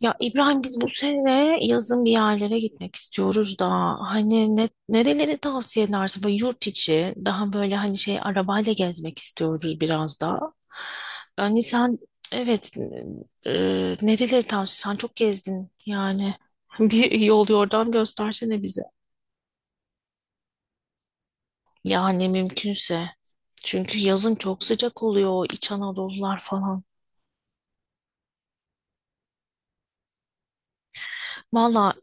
Ya İbrahim biz bu sene yazın bir yerlere gitmek istiyoruz da hani nereleri tavsiye edersin? Böyle yurt içi daha böyle hani şey arabayla gezmek istiyoruz biraz da. Yani sen evet e, nereleri tavsiye sen çok gezdin yani bir yol yordam göstersene bize. Yani mümkünse çünkü yazın çok sıcak oluyor İç Anadolular falan. Valla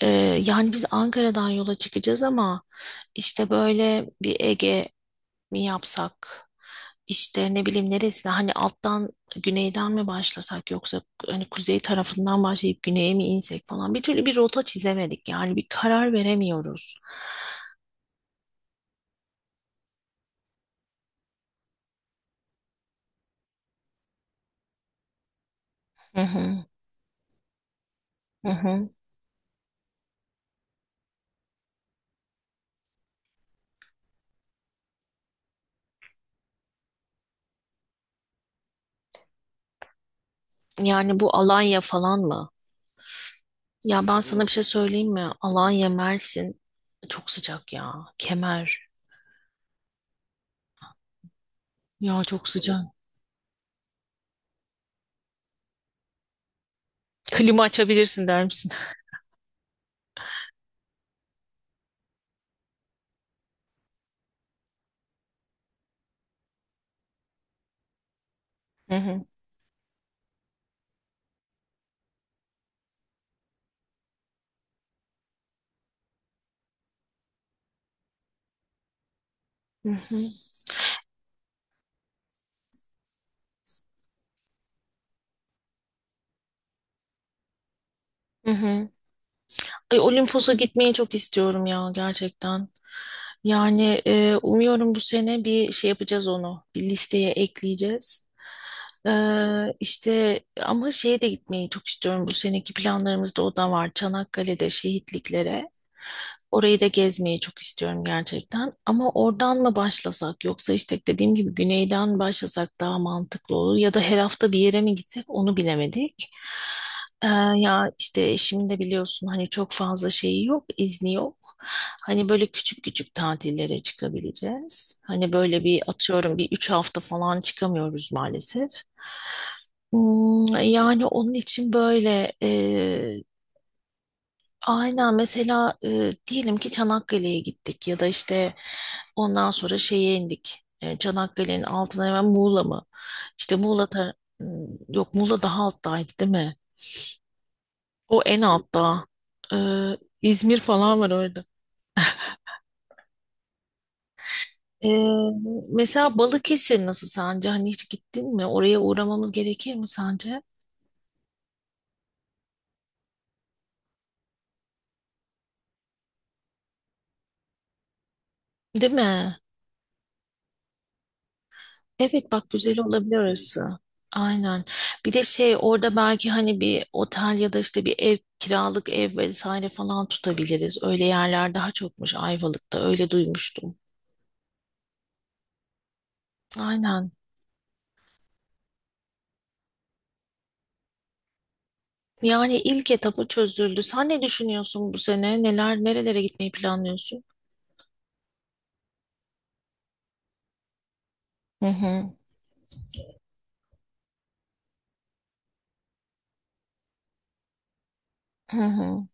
Ee, yani biz Ankara'dan yola çıkacağız ama işte böyle bir Ege mi yapsak? İşte ne bileyim neresine hani alttan güneyden mi başlasak yoksa hani kuzey tarafından başlayıp güneye mi insek falan bir türlü bir rota çizemedik yani bir karar veremiyoruz. Hı hı, hı hı. Yani bu Alanya falan mı? Ya ben sana bir şey söyleyeyim mi? Alanya, Mersin çok sıcak ya. Kemer. Ya çok sıcak. Klima açabilirsin der misin? Hı hı. Hı hı. Hı hı. Ay, Olimpos'a gitmeyi çok istiyorum ya gerçekten. Yani umuyorum bu sene bir şey yapacağız onu. Bir listeye ekleyeceğiz. E, işte ama şeye de gitmeyi çok istiyorum. Bu seneki planlarımızda o da var. Çanakkale'de şehitliklere. Orayı da gezmeyi çok istiyorum gerçekten. Ama oradan mı başlasak yoksa işte dediğim gibi güneyden başlasak daha mantıklı olur. Ya da her hafta bir yere mi gitsek onu bilemedik. Ee, ya işte eşimin de biliyorsun hani çok fazla şeyi yok, izni yok. Hani böyle küçük küçük tatillere çıkabileceğiz. Hani böyle bir atıyorum bir üç hafta falan çıkamıyoruz maalesef. Hmm, yani onun için böyle aynen mesela diyelim ki Çanakkale'ye gittik ya da işte ondan sonra şeye indik. Çanakkale'nin altına hemen Muğla mı? İşte Muğla tar- Hmm, yok Muğla daha alttaydı değil mi? O en altta. Ee, İzmir falan var orada. Ee, mesela Balıkesir nasıl sence? Hani hiç gittin mi? Oraya uğramamız gerekir mi sence? Değil mi? Evet bak güzel olabilir orası. Aynen. Bir de şey orada belki hani bir otel ya da işte bir ev kiralık ev vesaire falan tutabiliriz. Öyle yerler daha çokmuş Ayvalık'ta. Öyle duymuştum. Aynen. Yani ilk etapı çözüldü. Sen ne düşünüyorsun bu sene? Neler nerelere gitmeyi planlıyorsun? Hı hı. Hı hı.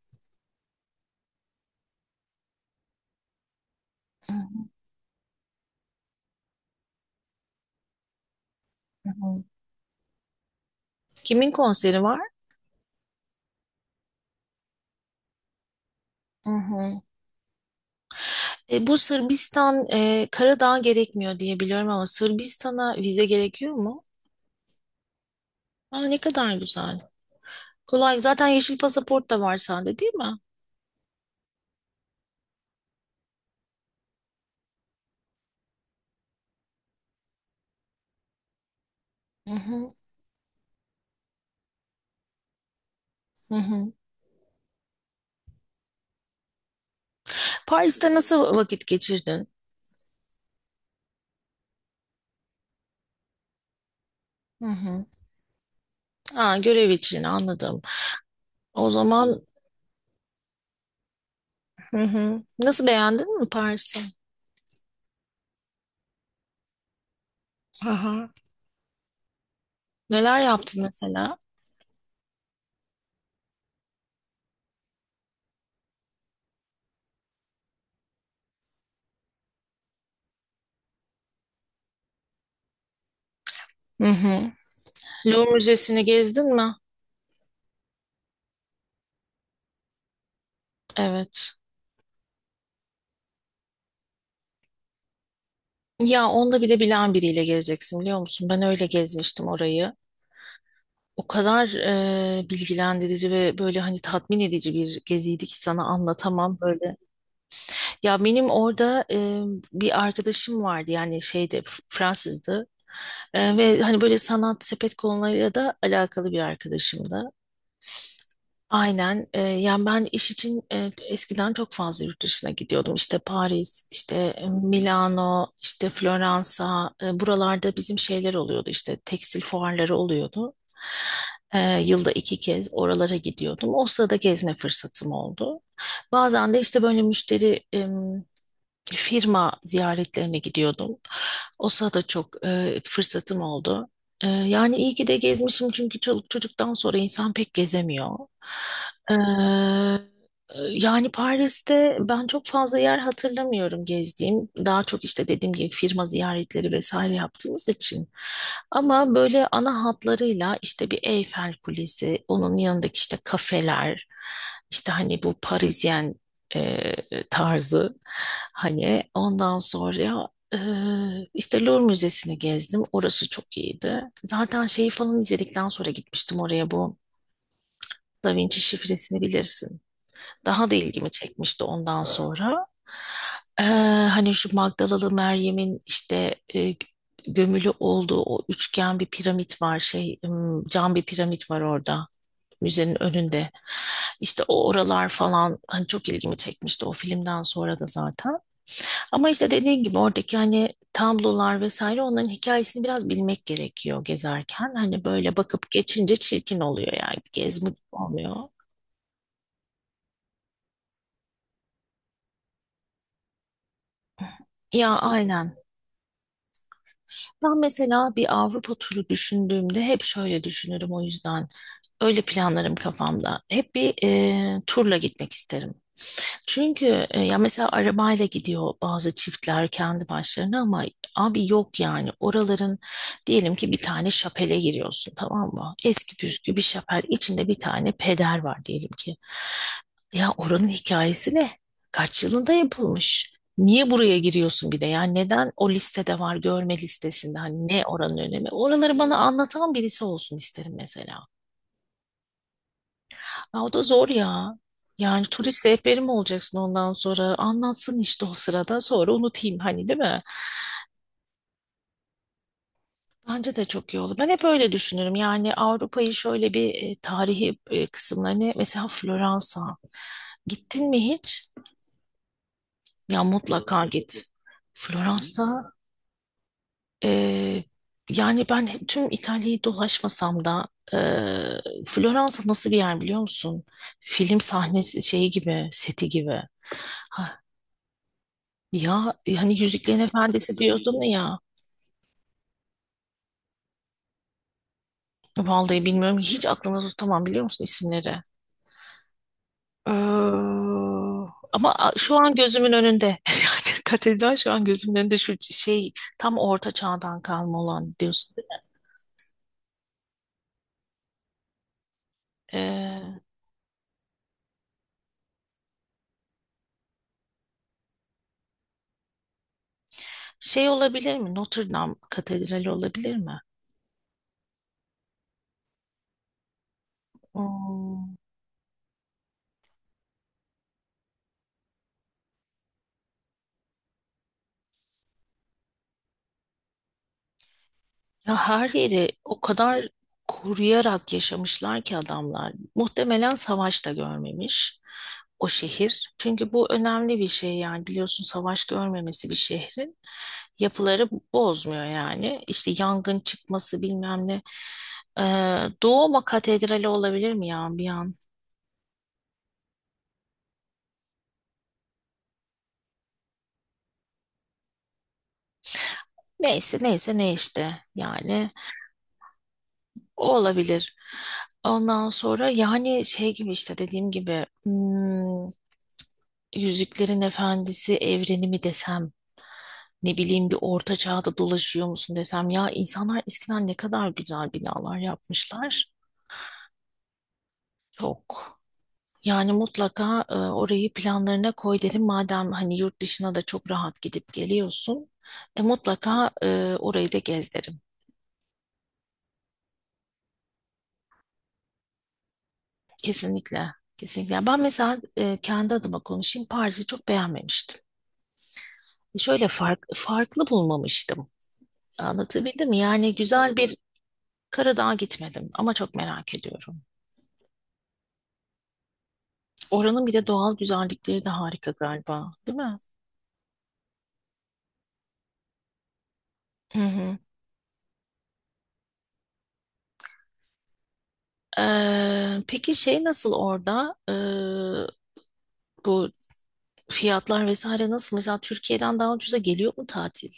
hı. Kimin konseri var? Hı hı. Bu Sırbistan, Karadağ gerekmiyor diye biliyorum ama Sırbistan'a vize gerekiyor mu? Aa, ne kadar güzel. Kolay. Zaten yeşil pasaport da var sende değil mi? Hı hı. Hı hı. Paris'te nasıl vakit geçirdin? Hı hı. Aa, görev için anladım. O zaman hı hı. Nasıl beğendin mi Paris'i? Hı hı. Neler yaptın mesela? Hı hı. Louvre Müzesi'ni gezdin mi? Evet. Ya onda bile bilen biriyle geleceksin biliyor musun? Ben öyle gezmiştim orayı. O kadar bilgilendirici ve böyle hani tatmin edici bir geziydi ki sana anlatamam böyle. Ya benim orada bir arkadaşım vardı yani şeyde Fransızdı. E, ve hani böyle sanat sepet konularıyla da alakalı bir arkadaşımdı. Aynen. Yani ben iş için eskiden çok fazla yurt dışına gidiyordum. İşte Paris, işte Milano, işte Floransa. E, buralarda bizim şeyler oluyordu. İşte tekstil fuarları oluyordu. Yılda iki kez oralara gidiyordum. O sırada gezme fırsatım oldu. Bazen de işte böyle müşteri firma ziyaretlerine gidiyordum. O sırada çok fırsatım oldu. Yani iyi ki de gezmişim çünkü çoluk çocuktan sonra insan pek gezemiyor. E, yani Paris'te ben çok fazla yer hatırlamıyorum gezdiğim. Daha çok işte dediğim gibi firma ziyaretleri vesaire yaptığımız için. Ama böyle ana hatlarıyla işte bir Eyfel Kulesi, onun yanındaki işte kafeler, işte hani bu Parisyen tarzı hani ondan sonra e, işte Louvre Müzesi'ni gezdim orası çok iyiydi zaten şeyi falan izledikten sonra gitmiştim oraya bu Da Vinci şifresini bilirsin daha da ilgimi çekmişti ondan sonra E, hani şu Magdalalı Meryem'in işte gömülü olduğu o üçgen bir piramit var cam bir piramit var orada müzenin önünde. İşte o oralar falan hani çok ilgimi çekmişti o filmden sonra da zaten. Ama işte dediğin gibi oradaki hani tablolar vesaire onların hikayesini biraz bilmek gerekiyor gezerken. Hani böyle bakıp geçince çirkin oluyor yani gezmek oluyor. Ya aynen. Ben mesela bir Avrupa turu düşündüğümde hep şöyle düşünürüm o yüzden. Öyle planlarım kafamda. Hep bir turla gitmek isterim. Çünkü ya mesela arabayla gidiyor bazı çiftler kendi başlarına ama abi yok yani oraların diyelim ki bir tane şapele giriyorsun tamam mı? Eski püskü bir şapel içinde bir tane peder var diyelim ki. Ya oranın hikayesi ne? Kaç yılında yapılmış? Niye buraya giriyorsun bir de? Yani neden o listede var görme listesinde? Hani ne oranın önemi? Oraları bana anlatan birisi olsun isterim mesela. Ya o da zor ya. Yani turist rehberi mi olacaksın ondan sonra? Anlatsın işte o sırada sonra unutayım hani değil mi? Bence de çok iyi olur. Ben hep öyle düşünürüm. Yani Avrupa'yı şöyle bir tarihi kısımlarını mesela Floransa. Gittin mi hiç? Ya mutlaka git. Floransa e, yani ben tüm İtalya'yı dolaşmasam da e, Floransa nasıl bir yer biliyor musun? Film sahnesi şeyi gibi, seti gibi. Ya hani Yüzüklerin Efendisi diyordun ya. Vallahi bilmiyorum. Hiç aklımda tutamam biliyor musun isimleri? Ee, ama şu an gözümün önünde. Yani katedral şu an gözümün önünde şu şey tam orta çağdan kalma olan diyorsun. Ee, şey olabilir mi? Notre Dame Katedrali olabilir mi? Hmm. Ya her yeri o kadar koruyarak yaşamışlar ki adamlar. Muhtemelen savaş da görmemiş o şehir. Çünkü bu önemli bir şey yani biliyorsun savaş görmemesi bir şehrin yapıları bozmuyor yani. İşte yangın çıkması bilmem ne. Ee, Doğuma Katedrali olabilir mi ya bir an? Neyse neyse ne işte yani o olabilir. Ondan sonra yani şey gibi işte dediğim gibi hmm, Yüzüklerin Efendisi evreni mi desem, ne bileyim bir orta çağda dolaşıyor musun desem ya insanlar eskiden ne kadar güzel binalar yapmışlar. Çok. Yani mutlaka orayı planlarına koy derim madem hani yurt dışına da çok rahat gidip geliyorsun. Mutlaka orayı da gez derim. Kesinlikle. Kesinlikle. Ben mesela kendi adıma konuşayım Paris'i çok beğenmemiştim. Şöyle farklı bulmamıştım. Anlatabildim mi? Yani güzel bir Karadağ'a gitmedim ama çok merak ediyorum. Oranın bir de doğal güzellikleri de harika galiba, değil mi? Hı hı. Peki şey nasıl orada? Bu fiyatlar vesaire nasıl? Mesela Türkiye'den daha ucuza geliyor mu tatil?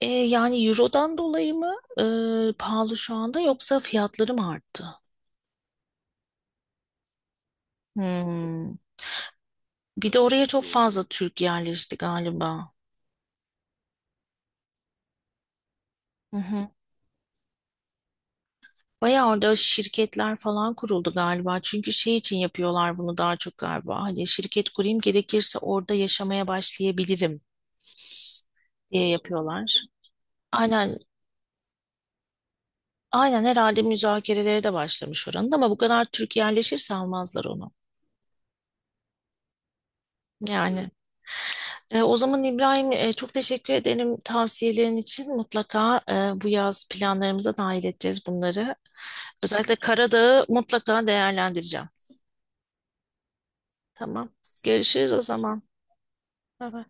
Yani Euro'dan dolayı mı pahalı şu anda yoksa fiyatları mı arttı? Hmm. Bir de oraya çok fazla Türk yerleşti galiba. Hı hı. Bayağı orada şirketler falan kuruldu galiba. Çünkü şey için yapıyorlar bunu daha çok galiba. Hani şirket kurayım gerekirse orada yaşamaya başlayabilirim diye yapıyorlar. Aynen, aynen herhalde müzakerelere de başlamış oranın ama bu kadar Türk yerleşirse almazlar onu. Yani o zaman İbrahim çok teşekkür ederim tavsiyelerin için. Mutlaka bu yaz planlarımıza dahil edeceğiz bunları. Özellikle Karadağ'ı mutlaka değerlendireceğim. Tamam. Görüşürüz o zaman. Bye bye.